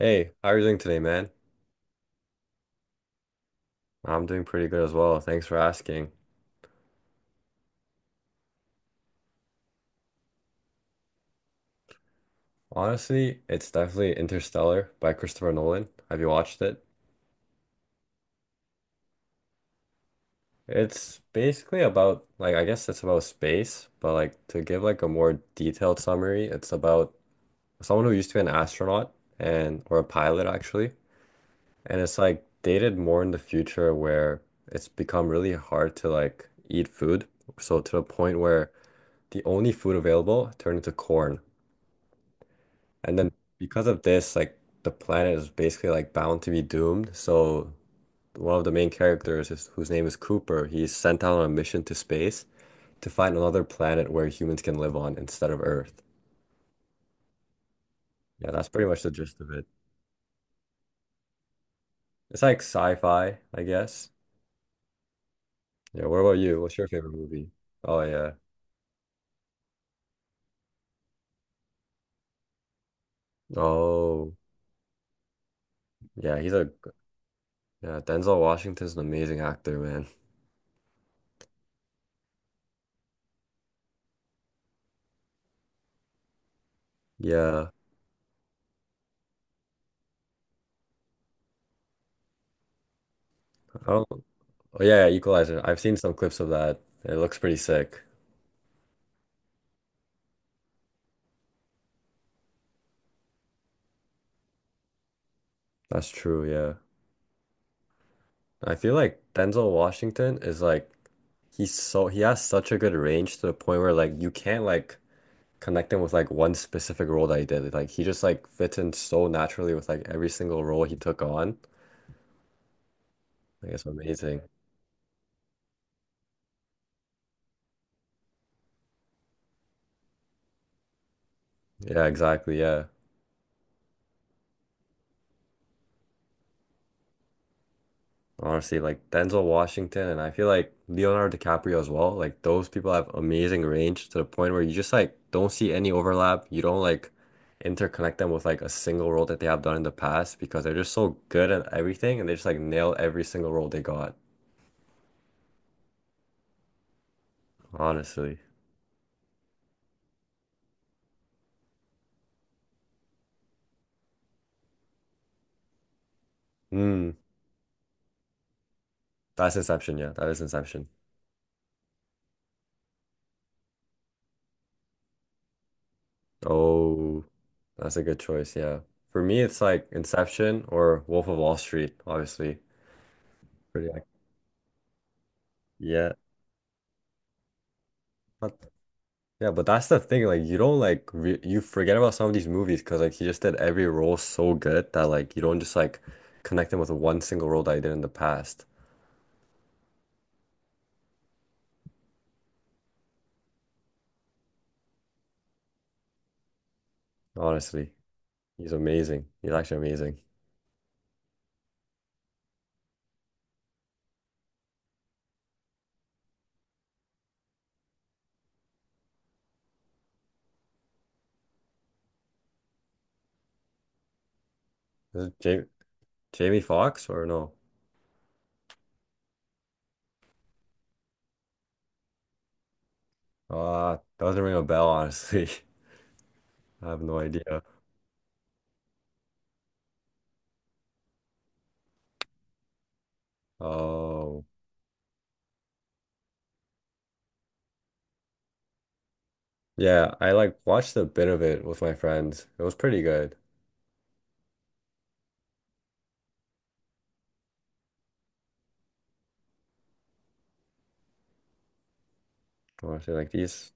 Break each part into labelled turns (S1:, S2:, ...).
S1: Hey, how are you doing today, man? I'm doing pretty good as well. Thanks for asking. Honestly, it's definitely Interstellar by Christopher Nolan. Have you watched it? It's basically about, like, I guess it's about space, but like to give like a more detailed summary, it's about someone who used to be an astronaut and or a pilot actually. And it's like dated more in the future where it's become really hard to like eat food. So to the point where the only food available turned into corn. And then because of this, like the planet is basically like bound to be doomed. So one of the main characters is, whose name is Cooper, he's sent out on a mission to space to find another planet where humans can live on instead of Earth. Yeah, that's pretty much the gist of it. It's like sci-fi, I guess. Yeah, what about you? What's your favorite movie? Oh yeah. Oh, yeah, he's a yeah, Denzel Washington's an amazing actor, man. Yeah. I don't, Oh yeah, yeah, Equalizer. I've seen some clips of that. It looks pretty sick. That's true, yeah. I feel like Denzel Washington is like he has such a good range to the point where like you can't like connect him with like one specific role that he did. Like he just like fits in so naturally with like every single role he took on. Like it's amazing. Yeah, exactly. Yeah. Honestly, like Denzel Washington and I feel like Leonardo DiCaprio as well. Like those people have amazing range to the point where you just like don't see any overlap. You don't like interconnect them with like a single role that they have done in the past because they're just so good at everything and they just like nail every single role they got. Honestly. Mm, that's Inception, yeah. That is Inception. Oh, that's a good choice, yeah. For me, it's like Inception or Wolf of Wall Street, obviously. Pretty like Yeah. Not Yeah, but that's the thing. Like, you don't like re you forget about some of these movies because like he just did every role so good that like you don't just like connect him with one single role that he did in the past. Honestly, he's amazing. He's actually amazing. Is it Jamie Foxx or no? Doesn't ring a bell, honestly. I have no idea. Oh, yeah. I like watched a bit of it with my friends. It was pretty good. Honestly, like these.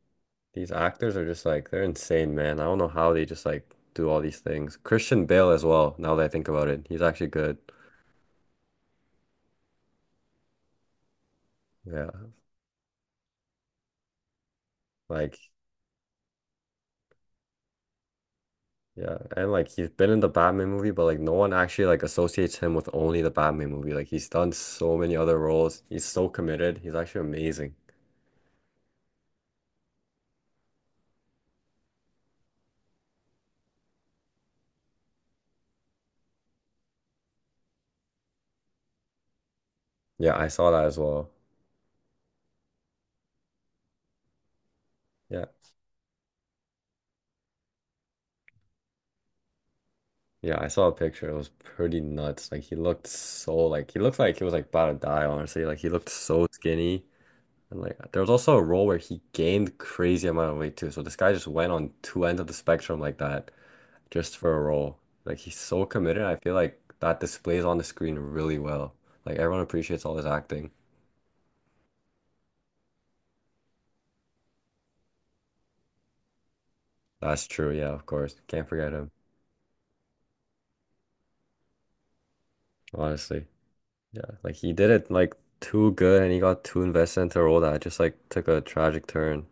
S1: These actors are just like they're insane, man. I don't know how they just like do all these things. Christian Bale as well, now that I think about it. He's actually good. Yeah. Like yeah, and like he's been in the Batman movie, but like no one actually like associates him with only the Batman movie. Like he's done so many other roles. He's so committed. He's actually amazing. Yeah, I saw that as well. Yeah. Yeah, I saw a picture. It was pretty nuts. Like he looked so like he looked like he was like about to die, honestly. Like he looked so skinny. And like there was also a role where he gained crazy amount of weight too. So this guy just went on two ends of the spectrum like that just for a role. Like he's so committed. I feel like that displays on the screen really well. Like everyone appreciates all his acting. That's true. Yeah, of course. Can't forget him. Honestly. Yeah. Like he did it like too good and he got too invested into a role that just like took a tragic turn.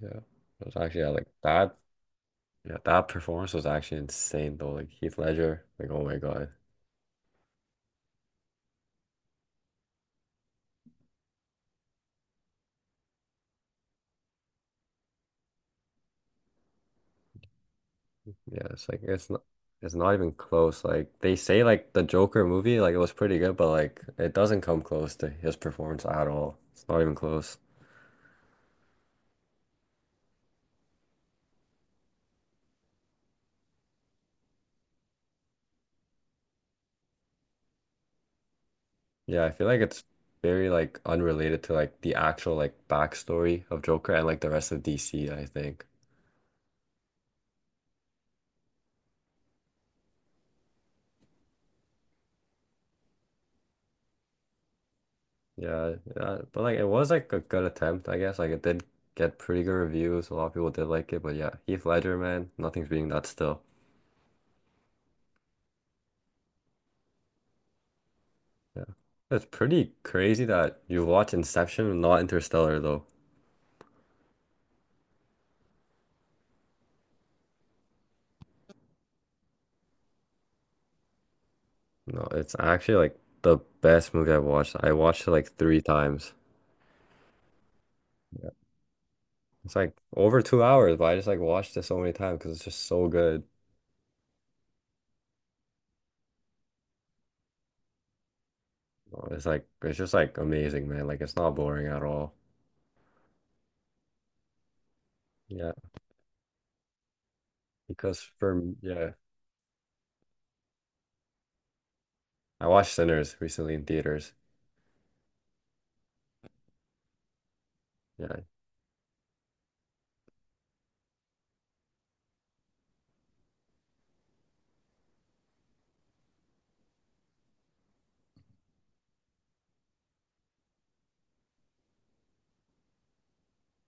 S1: Yeah. It was actually yeah, like that. Yeah, that performance was actually insane though. Like Heath Ledger. Like oh my God. Yeah, it's like it's not even close. Like they say like the Joker movie, like it was pretty good, but like it doesn't come close to his performance at all. It's not even close. Yeah, I feel like it's very like unrelated to like the actual like backstory of Joker and like the rest of DC, I think. Yeah, yeah, but like it was like a good attempt, I guess. Like it did get pretty good reviews. A lot of people did like it, but yeah, Heath Ledger, man, nothing's beating that still. Yeah. It's pretty crazy that you watch Inception and not Interstellar though. No, it's actually like the best movie I've watched. I watched it like three times. Yeah. It's like over 2 hours, but I just like watched it so many times because it's just so good. It's like it's just like amazing, man. Like it's not boring at all. Yeah, because yeah, I watched Sinners recently in theaters. Yeah.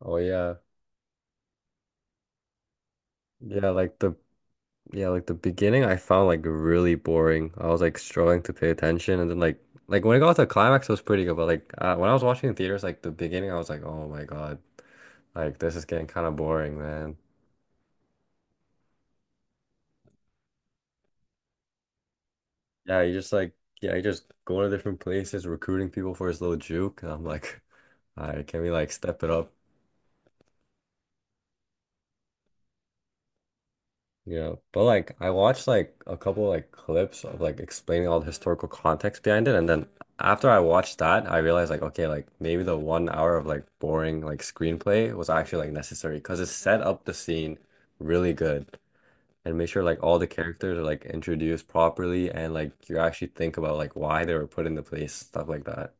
S1: Oh yeah. Yeah, like the Yeah, like the beginning I found like really boring. I was like struggling to pay attention and then like when it got to the climax it was pretty good, but like when I was watching in theaters like the beginning I was like, "Oh my God. Like this is getting kind of boring, man." Yeah, you just like yeah, you just going to different places recruiting people for his little juke and I'm like, "All right, can we like step it up?" Yeah, but like I watched like a couple like clips of like explaining all the historical context behind it, and then after I watched that, I realized like okay, like maybe the 1 hour of like boring like screenplay was actually like necessary because it set up the scene really good and make sure like all the characters are like introduced properly and like you actually think about like why they were put into place, stuff like that.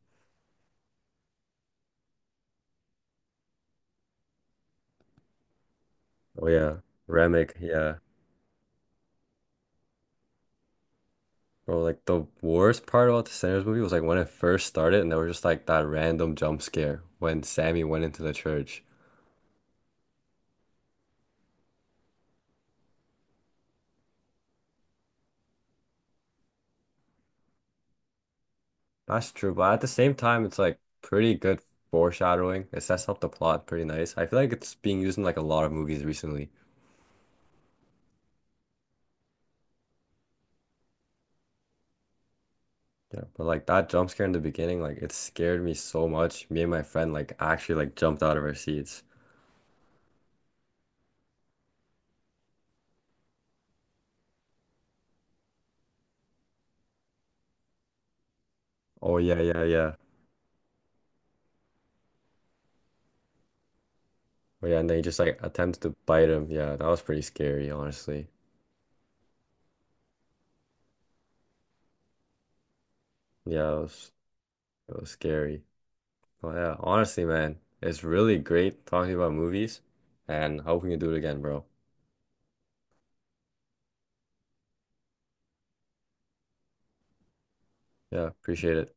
S1: Oh yeah, Remick, yeah. Bro, like the worst part about the Sinners movie was like when it first started and there was just like that random jump scare when Sammy went into the church. That's true, but at the same time it's like pretty good foreshadowing. It sets up the plot pretty nice. I feel like it's being used in like a lot of movies recently. Yeah. But like that jump scare in the beginning, like it scared me so much. Me and my friend like actually like jumped out of our seats. Oh yeah, yeah, yeah. Oh yeah, and then he just like attempts to bite him. Yeah, that was pretty scary, honestly. Yeah, it was scary. Oh yeah, honestly, man, it's really great talking about movies and hoping you do it again, bro. Yeah, appreciate it.